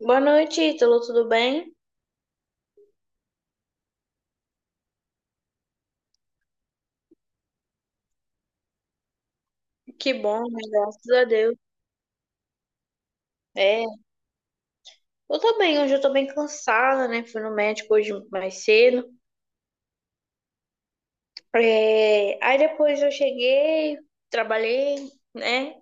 Boa noite, Ítalo, tudo bem? Que bom, né? Graças a Deus. É, eu tô bem, hoje eu tô bem cansada, né? Fui no médico hoje mais cedo. Aí depois eu cheguei, trabalhei, né?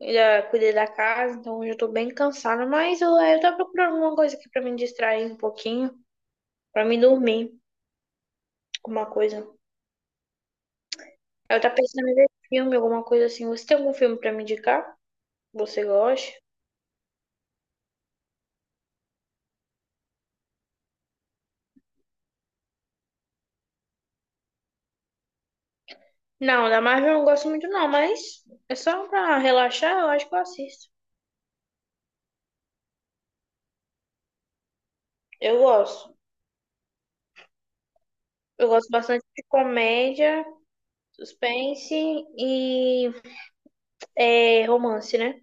Ainda cuidei da casa, então hoje eu tô bem cansada, mas eu tô procurando alguma coisa aqui pra me distrair um pouquinho, pra me dormir, alguma coisa. Eu tô pensando em ver filme, alguma coisa assim. Você tem algum filme pra me indicar? Você gosta? Não, da Marvel eu não gosto muito não, mas é só pra relaxar, eu acho que eu assisto. Eu gosto. Eu gosto bastante de comédia, suspense e romance, né?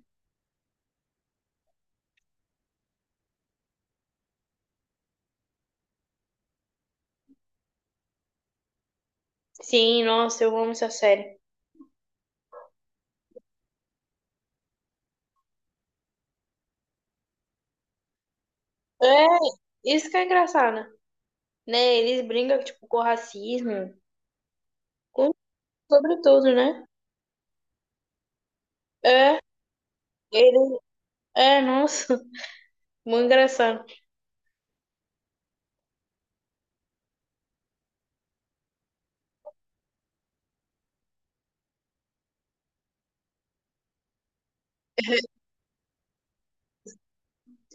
Sim, nossa, eu amo essa série. É, isso que é engraçado, né? Eles brincam, tipo, com racismo, com sobre tudo, né? É, ele... É, nossa, muito engraçado.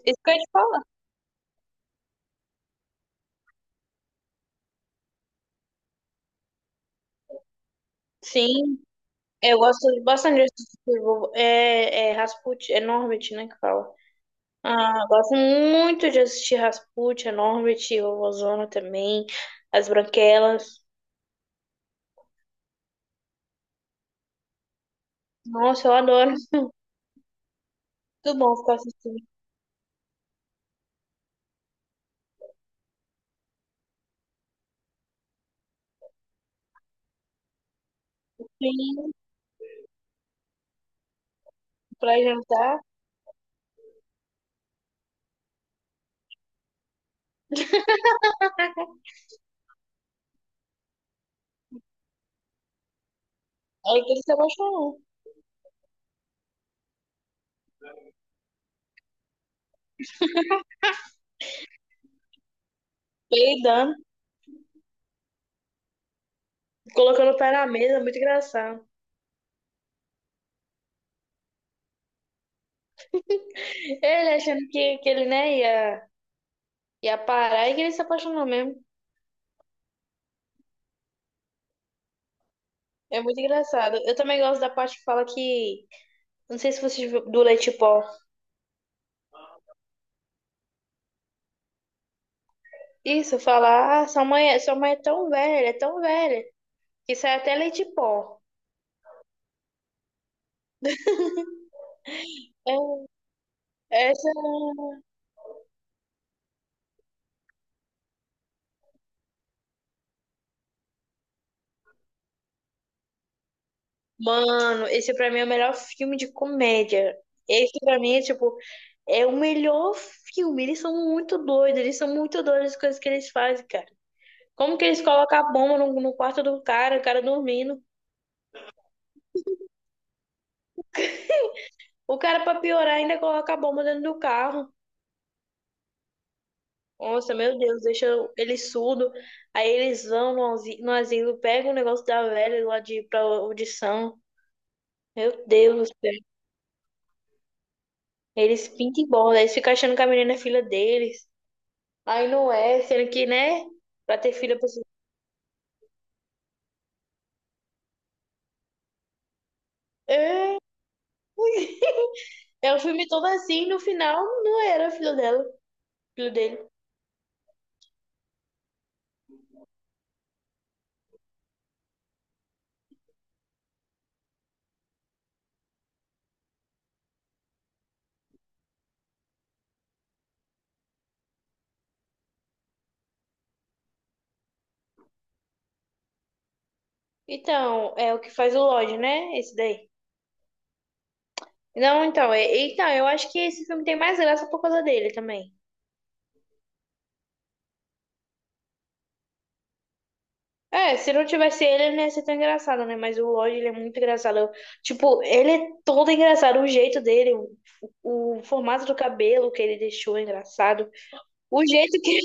Isso que eu ia te falar. Sim, eu gosto bastante desse tipo, é Rasputin, é Norbit, né, que fala. Ah, gosto muito de assistir Rasputia, Norbit, o Ozona também, As Branquelas. Nossa, eu adoro. Muito bom ficar assistindo filme pra jantar. Aí que ele se apaixonou. Peidando, colocando o pé na mesa, muito engraçado. Ele achando que ele, né, ia, Ia parar e que ele se apaixonou mesmo. É muito engraçado. Eu também gosto da parte que fala que. Não sei se você viu do leite pó. Isso, fala, ah, sua mãe é tão velha, que sai até leite pó. É, Essa, Mano, esse pra mim é o melhor filme de comédia. Esse pra mim é tipo, É o melhor filme. Eles são muito doidos, eles são muito doidos as coisas que eles fazem, cara. Como que eles colocam a bomba no quarto do cara, o cara dormindo. O cara, pra piorar, ainda coloca a bomba dentro do carro. Nossa, meu Deus, deixa ele surdo. Aí eles vão no asilo, no asilo pegam o negócio da velha lá de, pra audição. Meu Deus do céu. Eles pintam e bola, eles ficam achando que a menina é filha deles. Aí não é, sendo que, né? Pra ter filho, a pessoa. É, é o filme todo assim, no final não era filho dela, filho dele. Então, é o que faz o Lodge, né? Esse daí. Não, então, é, então, Eu acho que esse filme tem mais graça por causa dele também. É, se não tivesse ele, ele não ia ser tão engraçado, né? Mas o Lodge, ele é muito engraçado. Ele é todo engraçado, o jeito dele, o formato do cabelo que ele deixou é engraçado. O jeito que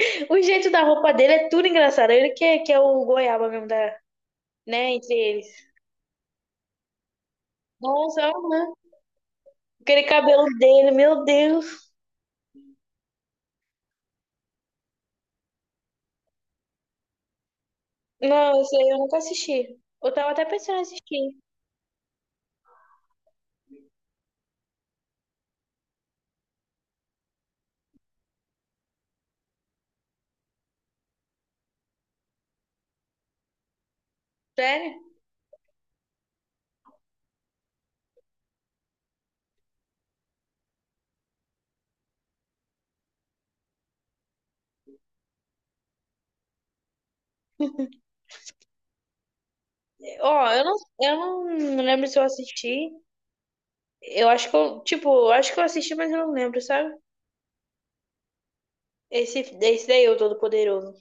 o jeito da roupa dele é tudo engraçado. Ele que é o goiaba mesmo da, né, entre eles. Nossa, né? Aquele cabelo dele, meu Deus. Não, isso eu nunca assisti. Eu tava até pensando em assistir. Sério? Ó, eu não, Eu não lembro se eu assisti. Eu acho que eu assisti, mas eu não lembro, sabe? Esse daí, o Todo-Poderoso.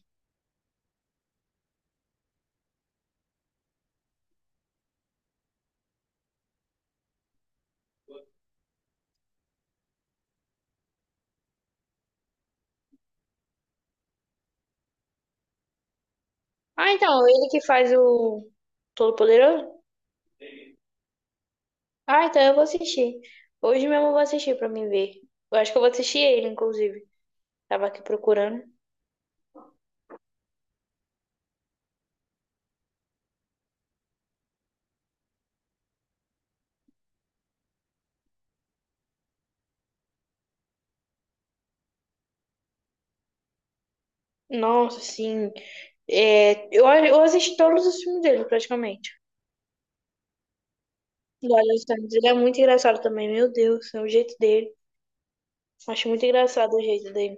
Ah, então, ele que faz o Todo-Poderoso? Ah, então eu vou assistir. Hoje mesmo eu vou assistir pra me ver. Eu acho que eu vou assistir ele, inclusive. Tava aqui procurando. Nossa, assim. Eu assisti todos os filmes dele, praticamente. Do Adam Sandler. Ele é muito engraçado também, meu Deus. É o jeito dele. Acho muito engraçado o jeito dele.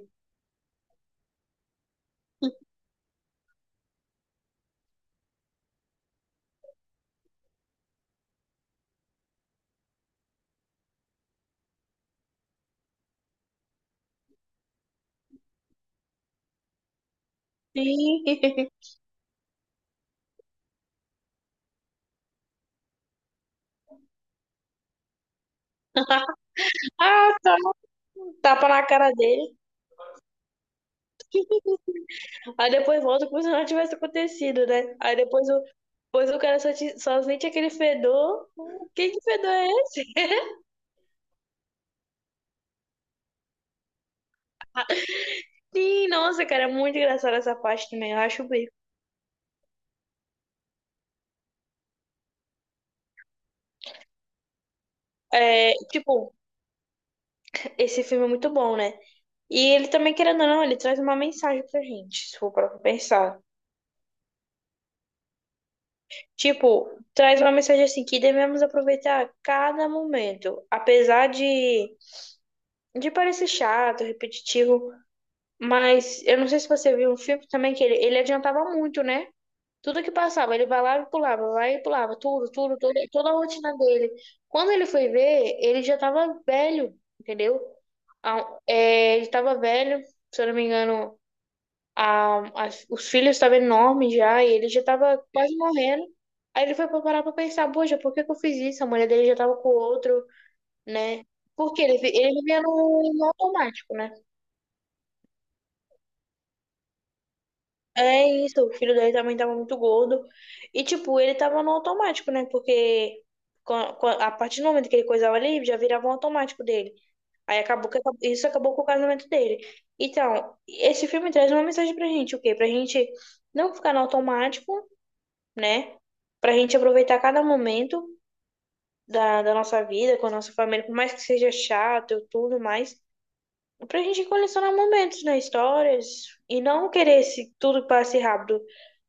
Sim. Ah, tá. Tapa na cara dele. Aí depois volta como se não tivesse acontecido, né? Depois o cara só, só sente aquele fedor. Quem que fedor é Sim, nossa, cara, é muito engraçada essa parte também, eu acho bem. É, tipo, esse filme é muito bom, né? E ele também, querendo ou não, ele traz uma mensagem pra gente, se for pra pensar. Tipo, traz uma mensagem assim, que devemos aproveitar cada momento. Apesar de parecer chato, repetitivo, mas eu não sei se você viu um filme também que ele adiantava muito, né? Tudo que passava, ele vai lá e pulava, vai e pulava, tudo, tudo, tudo, toda a rotina dele. Quando ele foi ver, ele já tava velho, entendeu? Ele tava velho, se eu não me engano, os filhos estavam enormes já, e ele já tava quase morrendo. Aí ele foi pra parar pra pensar, poxa, por que que eu fiz isso? A mulher dele já tava com outro, né? Porque ele vivia no automático, né? É isso, o filho dele também tava muito gordo. E, tipo, ele tava no automático, né? Porque a partir do momento que ele coisava ali, já virava um automático dele. Aí isso acabou com o casamento dele. Então, esse filme traz uma mensagem pra gente, o quê? Pra gente não ficar no automático, né? Pra gente aproveitar cada momento da, da nossa vida, com a nossa família, por mais que seja chato, e tudo mais. Pra gente colecionar momentos, né? Histórias. E não querer esse, tudo que passe rápido.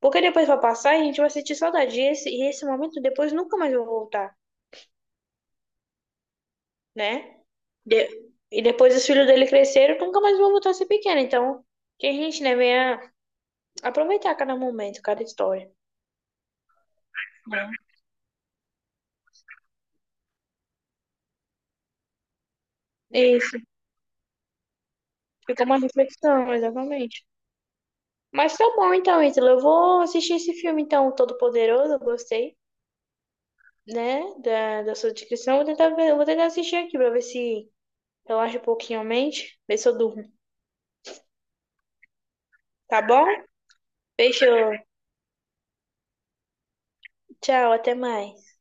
Porque depois vai passar e a gente vai sentir saudade. E esse momento depois nunca mais vai voltar, né? De- e depois os filhos dele cresceram, nunca mais vão voltar a ser pequeno. Então, que a gente, né, venha aproveitar cada momento, cada história. Isso. Fica uma reflexão, exatamente. Mas tá bom, então, Ítalo. Eu vou assistir esse filme, então, Todo Poderoso. Eu gostei, né? Da, da sua descrição. Vou tentar ver, eu vou tentar assistir aqui pra ver se Relaxa um pouquinho a mente, vê se eu durmo, tá bom? Beijo, tchau, até mais.